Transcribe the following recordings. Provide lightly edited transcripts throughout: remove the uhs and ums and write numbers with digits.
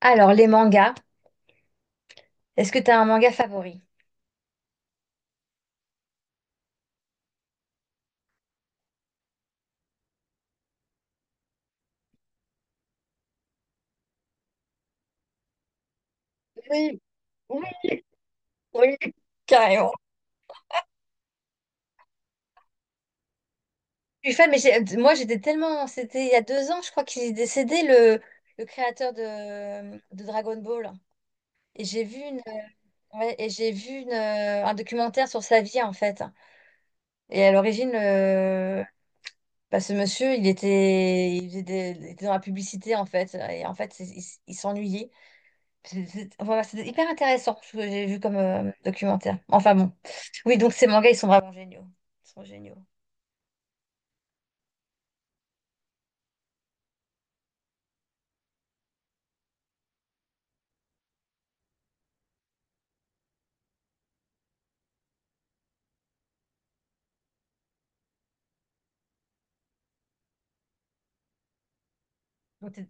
Alors, les mangas, est-ce que tu as un manga favori? Oui, carrément. Je suis fan, mais moi j'étais tellement. C'était il y a 2 ans, je crois qu'il est décédé, le créateur de Dragon Ball. Et j'ai vu ouais, et j'ai vu un documentaire sur sa vie, en fait. Et à l'origine, bah, ce monsieur, il était, il faisait des- il était dans la publicité, en fait. Et en fait, il s'ennuyait. Voilà, c'était hyper intéressant ce que j'ai vu comme documentaire. Enfin bon. Oui, donc ces mangas, ils sont vraiment géniaux. Ils sont géniaux. Donc,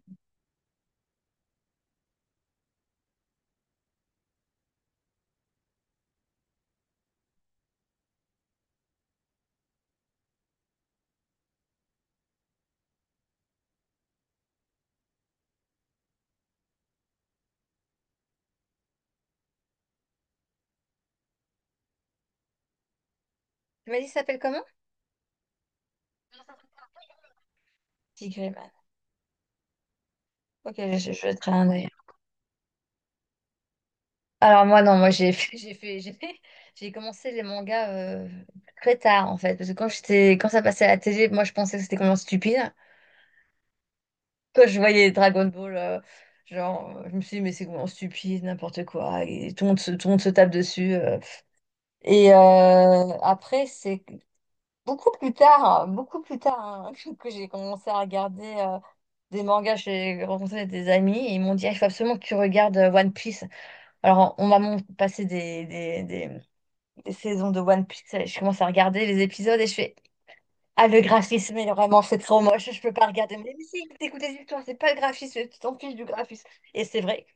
tu m'as dit, ça s'appelle comment? Tigreman. Ok, je jetterai un œil. Alors moi, non, moi j'ai commencé les mangas très tard en fait. Parce que quand ça passait à la télé, moi je pensais que c'était complètement stupide. Quand je voyais Dragon Ball, je me suis dit, mais c'est complètement stupide, n'importe quoi. Et tout le monde se tape dessus. Et après, c'est beaucoup plus tard, hein, beaucoup plus tard hein, que j'ai commencé à regarder des mangas. J'ai rencontré des amis et ils m'ont dit, ah, il faut absolument que tu regardes One Piece. Alors, passé des saisons de One Piece, et je commence à regarder les épisodes et je fais, ah, le graphisme, il est vraiment, c'est trop moche, je peux pas regarder. Mais si, t'écoutes des histoires, c'est pas le graphisme, tu t'en fiches du graphisme. Et c'est vrai.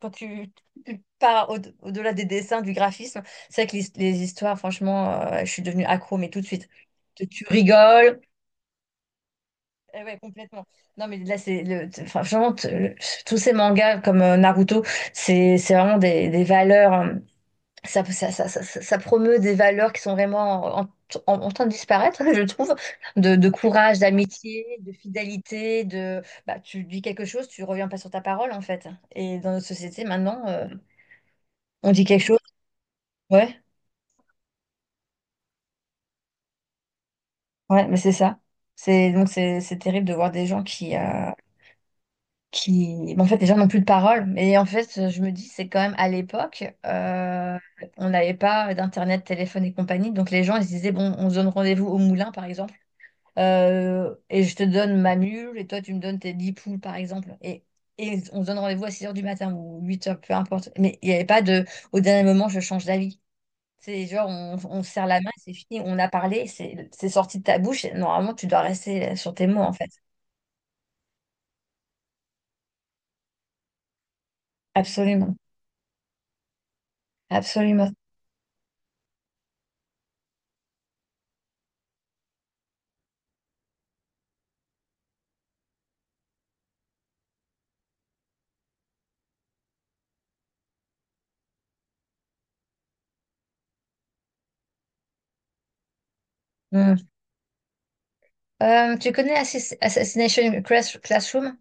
Quand tu, tu pars au-delà des dessins, du graphisme, c'est vrai que les histoires, franchement, je suis devenue accro, mais tout de suite. Tu rigoles, eh ouais, complètement. Non, mais là, enfin, franchement, tous ces mangas comme Naruto, c'est vraiment des valeurs. Ça promeut des valeurs qui sont vraiment en train de disparaître, je trouve, de courage, d'amitié, de fidélité, de bah, tu dis quelque chose, tu reviens pas sur ta parole, en fait. Et dans notre société, maintenant, on dit quelque chose, ouais, ouais, mais c'est ça. C'est donc c'est terrible de voir des gens qui... bon, en fait, déjà, n'ont plus de parole. Mais en fait, je me dis, c'est quand même à l'époque, on n'avait pas d'internet, téléphone et compagnie. Donc, les gens, ils se disaient, bon, on se donne rendez-vous au moulin, par exemple, et je te donne ma mule, et toi, tu me donnes tes 10 poules, par exemple. Et on se donne rendez-vous à 6 heures du matin ou 8 heures, peu importe. Mais il n'y avait pas de, au dernier moment, je change d'avis. C'est genre, on se serre la main, c'est fini, on a parlé, c'est sorti de ta bouche, et normalement, tu dois rester sur tes mots, en fait. Absolument, absolument. Mmh. Tu connais Classroom?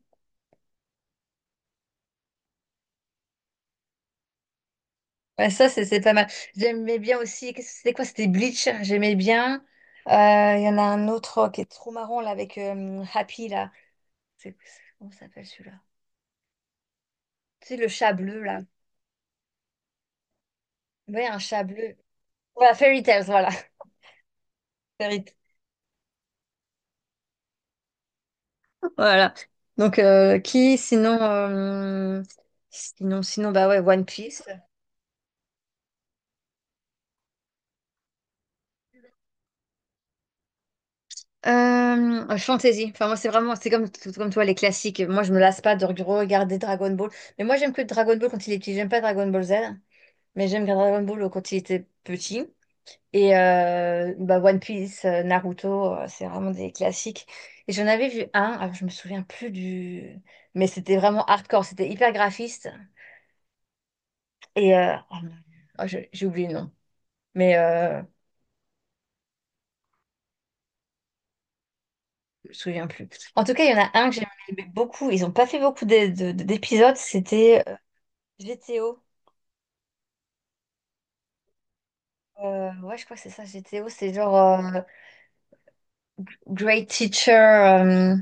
Ouais, ça, c'est pas mal. J'aimais bien aussi. Qu'est-ce que C'était quoi? C'était Bleach. J'aimais bien. Euh, Il y en a un autre oh, qui est trop marrant là avec Happy là. Comment ça s'appelle celui-là? C'est le chat bleu là. Ouais, un chat bleu. Voilà, Fairy Tales, voilà. Fairy Tales. Voilà. Donc, sinon, bah ouais, One Piece. Fantasy. Enfin, moi, c'est vraiment, c'est comme, tout comme toi, les classiques. Moi, je me lasse pas de regarder Dragon Ball. Mais moi, j'aime que Dragon Ball quand il est petit. J'aime pas Dragon Ball Z, mais j'aime Dragon Ball quand il était petit. Et bah, One Piece, Naruto, c'est vraiment des classiques. Et j'en avais vu un, alors je me souviens plus du. Mais c'était vraiment hardcore, c'était hyper graphiste. Et oh mon Dieu. Oh, j'ai oublié le nom, mais je me souviens plus. En tout cas, il y en a un que j'aimais beaucoup. Ils ont pas fait beaucoup d'épisodes. C'était GTO. Ouais, je crois que c'est ça, GTO. C'est genre Great Teacher.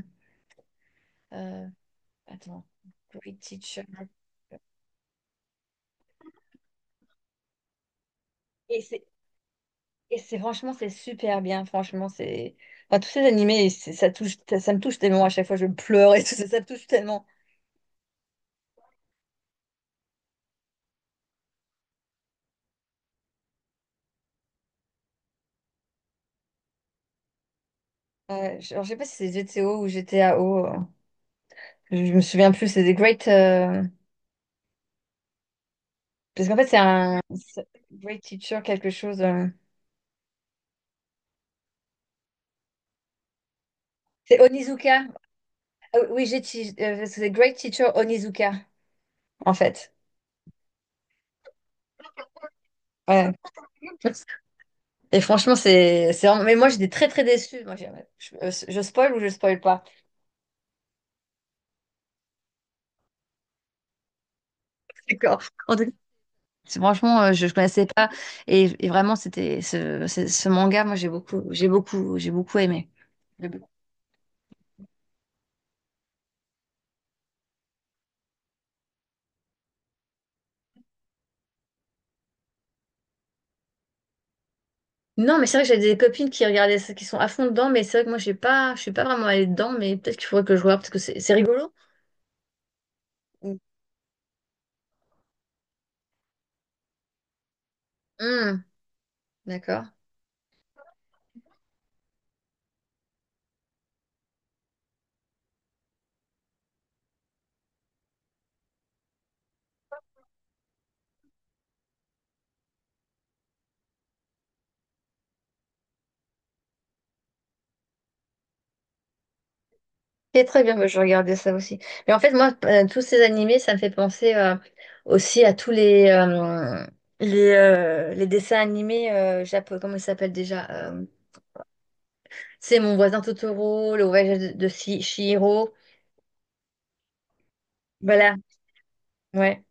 euh, attends, Great Teacher. Et c'est franchement, c'est super bien. Franchement, c'est. Enfin, tous ces animés, ça touche, ça me touche tellement. À chaque fois, je pleure et tout ça, ça me touche tellement. Alors, je sais pas si c'est GTO ou GTAO. Je me souviens plus. C'est des Great. Parce qu'en fait, c'est Great Teacher quelque chose. C'est Onizuka. Ah oui, c'est Great Teacher Onizuka, en fait. Ouais. Et franchement, c'est vraiment... Mais moi, j'étais très, très déçue. Je spoil ou je spoil pas? D'accord. En tout cas, franchement, ne connaissais pas. Et vraiment, c'était ce manga, moi, j'ai beaucoup aimé. J'ai beaucoup- Non, mais c'est vrai que j'ai des copines qui regardaient ça, qui sont à fond dedans, mais c'est vrai que moi, j'ai pas, je suis pas vraiment allée dedans, mais peut-être qu'il faudrait que je regarde parce que c'est rigolo. Mm. Mm. D'accord. C'est très bien, bah, je regardais ça aussi. Mais en fait, moi, tous ces animés, ça me fait penser aussi à tous les dessins animés japonais, comment ils s'appellent déjà? C'est Mon voisin Totoro, Le voyage de Chihiro. Voilà, ouais.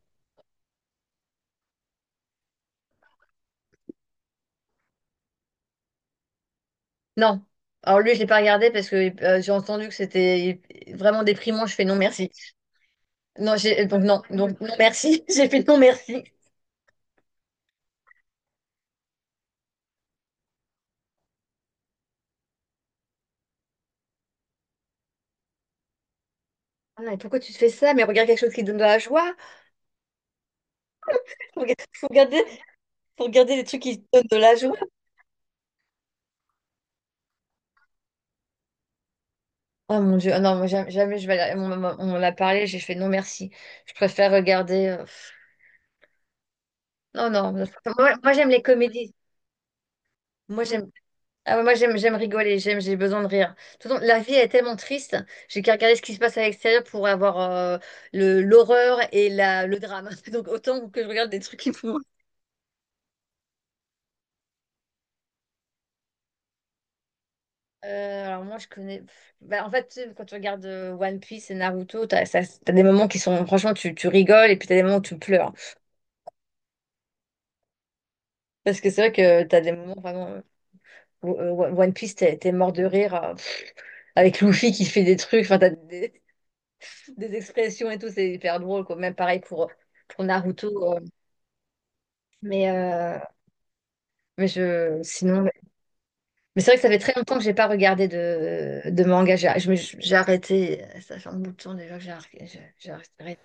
Non. Alors lui, je l'ai pas regardé parce que j'ai entendu que c'était vraiment déprimant. Je fais non merci. Non, j'ai donc non merci. J'ai fait non merci. Ah non, mais pourquoi tu te fais ça? Mais regarde quelque chose qui te donne de la joie. Faut regarder, faut regarder faut regarder des trucs qui te donnent de la joie. Oh mon Dieu, ah non, moi, jamais, jamais je vais aller- on l'a parlé, j'ai fait non merci. Je préfère regarder. Non, non. Moi, moi, j'aime les comédies. Moi j'aime ah ouais, moi j'aime j'aime rigoler, j'aime j'ai besoin de rire. De toute façon, la vie est tellement triste, j'ai qu'à regarder ce qui se passe à l'extérieur pour avoir le l'horreur et la, le drame. Donc autant que je regarde des trucs qui me font. Alors moi je connais. Bah, en fait, tu sais, quand tu regardes One Piece et Naruto, t'as des moments qui sont franchement tu rigoles et puis t'as des moments où tu pleures. Parce que c'est vrai que t'as des moments vraiment. One Piece, t'es mort de rire avec Luffy qui fait des trucs, enfin, des expressions et tout, c'est hyper drôle, quoi. Même pareil pour Naruto. Mais, euh, sinon, mais c'est vrai que ça fait très longtemps que j'ai pas regardé de manga. J'ai arrêté, ça fait un bout de temps déjà que j'ai arrêté.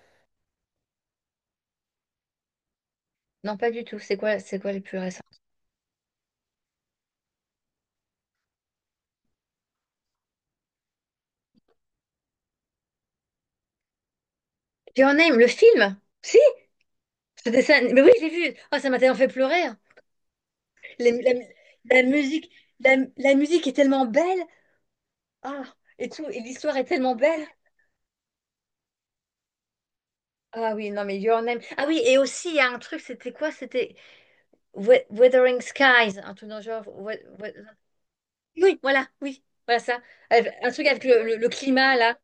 Non, pas du tout. C'est quoi les plus récents? Your Name, le film? Si, ce dessin. Mais oui, j'ai vu. Oh, ça m'a tellement fait pleurer, hein. Les- la, la musique, la musique est tellement belle. Ah, et tout, et l'histoire est tellement belle. Ah oui, non, mais Your Name. Ah oui, et aussi, il y a un truc, c'était quoi? C'était Wuthering Skies, un truc dans le genre. We- We- Oui, voilà, oui, voilà ça. Avec- un truc avec le climat, là.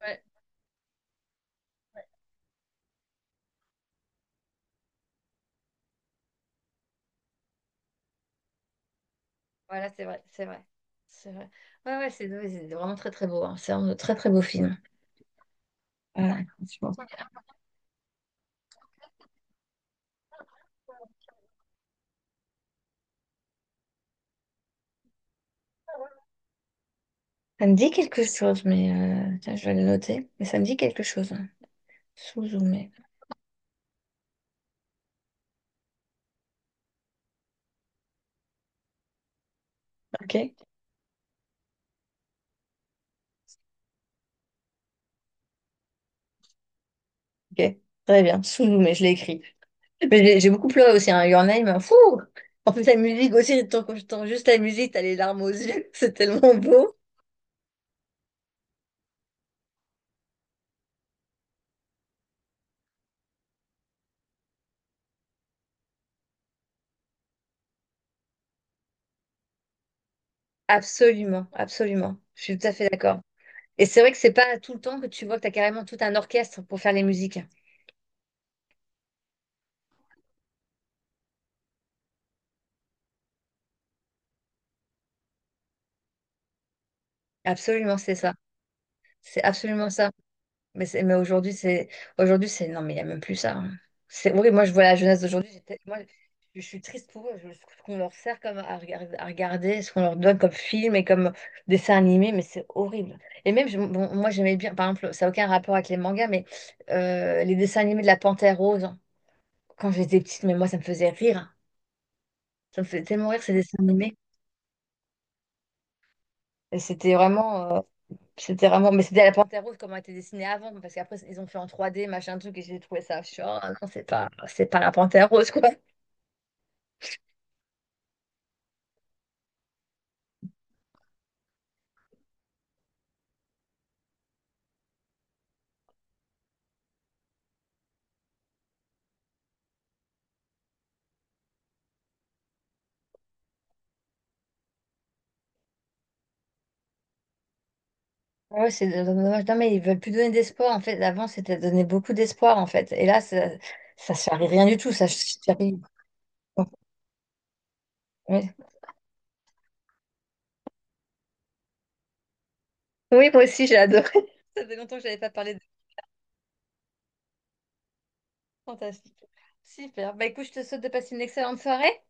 Ouais, voilà, c'est vrai, c'est vrai. C'est vrai. Ouais, ouais, c'est vraiment très, très beau, hein. C'est un très, très beau film. Voilà, je pense. Ça me dit quelque chose, mais tiens, je vais le noter. Mais ça me dit quelque chose. Sous zoomé. Ok, ok. Très bien. Sous zoomé, je l'ai écrit. Mais j'ai beaucoup pleuré aussi, hein. Your Name, fou! En plus, la musique aussi, tant que j'entends juste la musique, t'as les larmes aux yeux, c'est tellement beau. Absolument, absolument. Je suis tout à fait d'accord. Et c'est vrai que c'est pas tout le temps que tu vois que t'as carrément tout un orchestre pour faire les musiques. Absolument, c'est ça. C'est absolument ça. Mais aujourd'hui, aujourd'hui, c'est, non, mais il n'y a même plus ça, hein. C'est horrible. Moi, je vois la jeunesse d'aujourd'hui. Je suis triste pour eux. Ce qu'on leur sert comme à regarder, ce qu'on leur donne comme film et comme dessin animé, mais c'est horrible. Et même, bon, moi, j'aimais bien, par exemple, ça n'a aucun rapport avec les mangas, mais les dessins animés de la Panthère Rose, hein, quand j'étais petite, mais moi, ça me faisait rire, hein. Ça me faisait tellement rire, ces dessins animés. Et c'était vraiment. C'était vraiment, mais c'était la Panthère Rose comme elle était dessinée avant, parce qu'après ils ont fait en 3D, machin truc, et j'ai trouvé ça. Je suis, oh non, c'est pas la Panthère Rose, quoi. Ouais, c'est dommage. Non, mais ils veulent plus donner d'espoir. En fait, avant, c'était donner beaucoup d'espoir, en fait. Et là, ça charrie rien du tout. Ça charrie. Oui, oui, moi aussi, j'ai adoré. Ça fait longtemps que je n'avais pas parlé de fantastique. Super. Bah écoute, je te souhaite de passer une excellente soirée.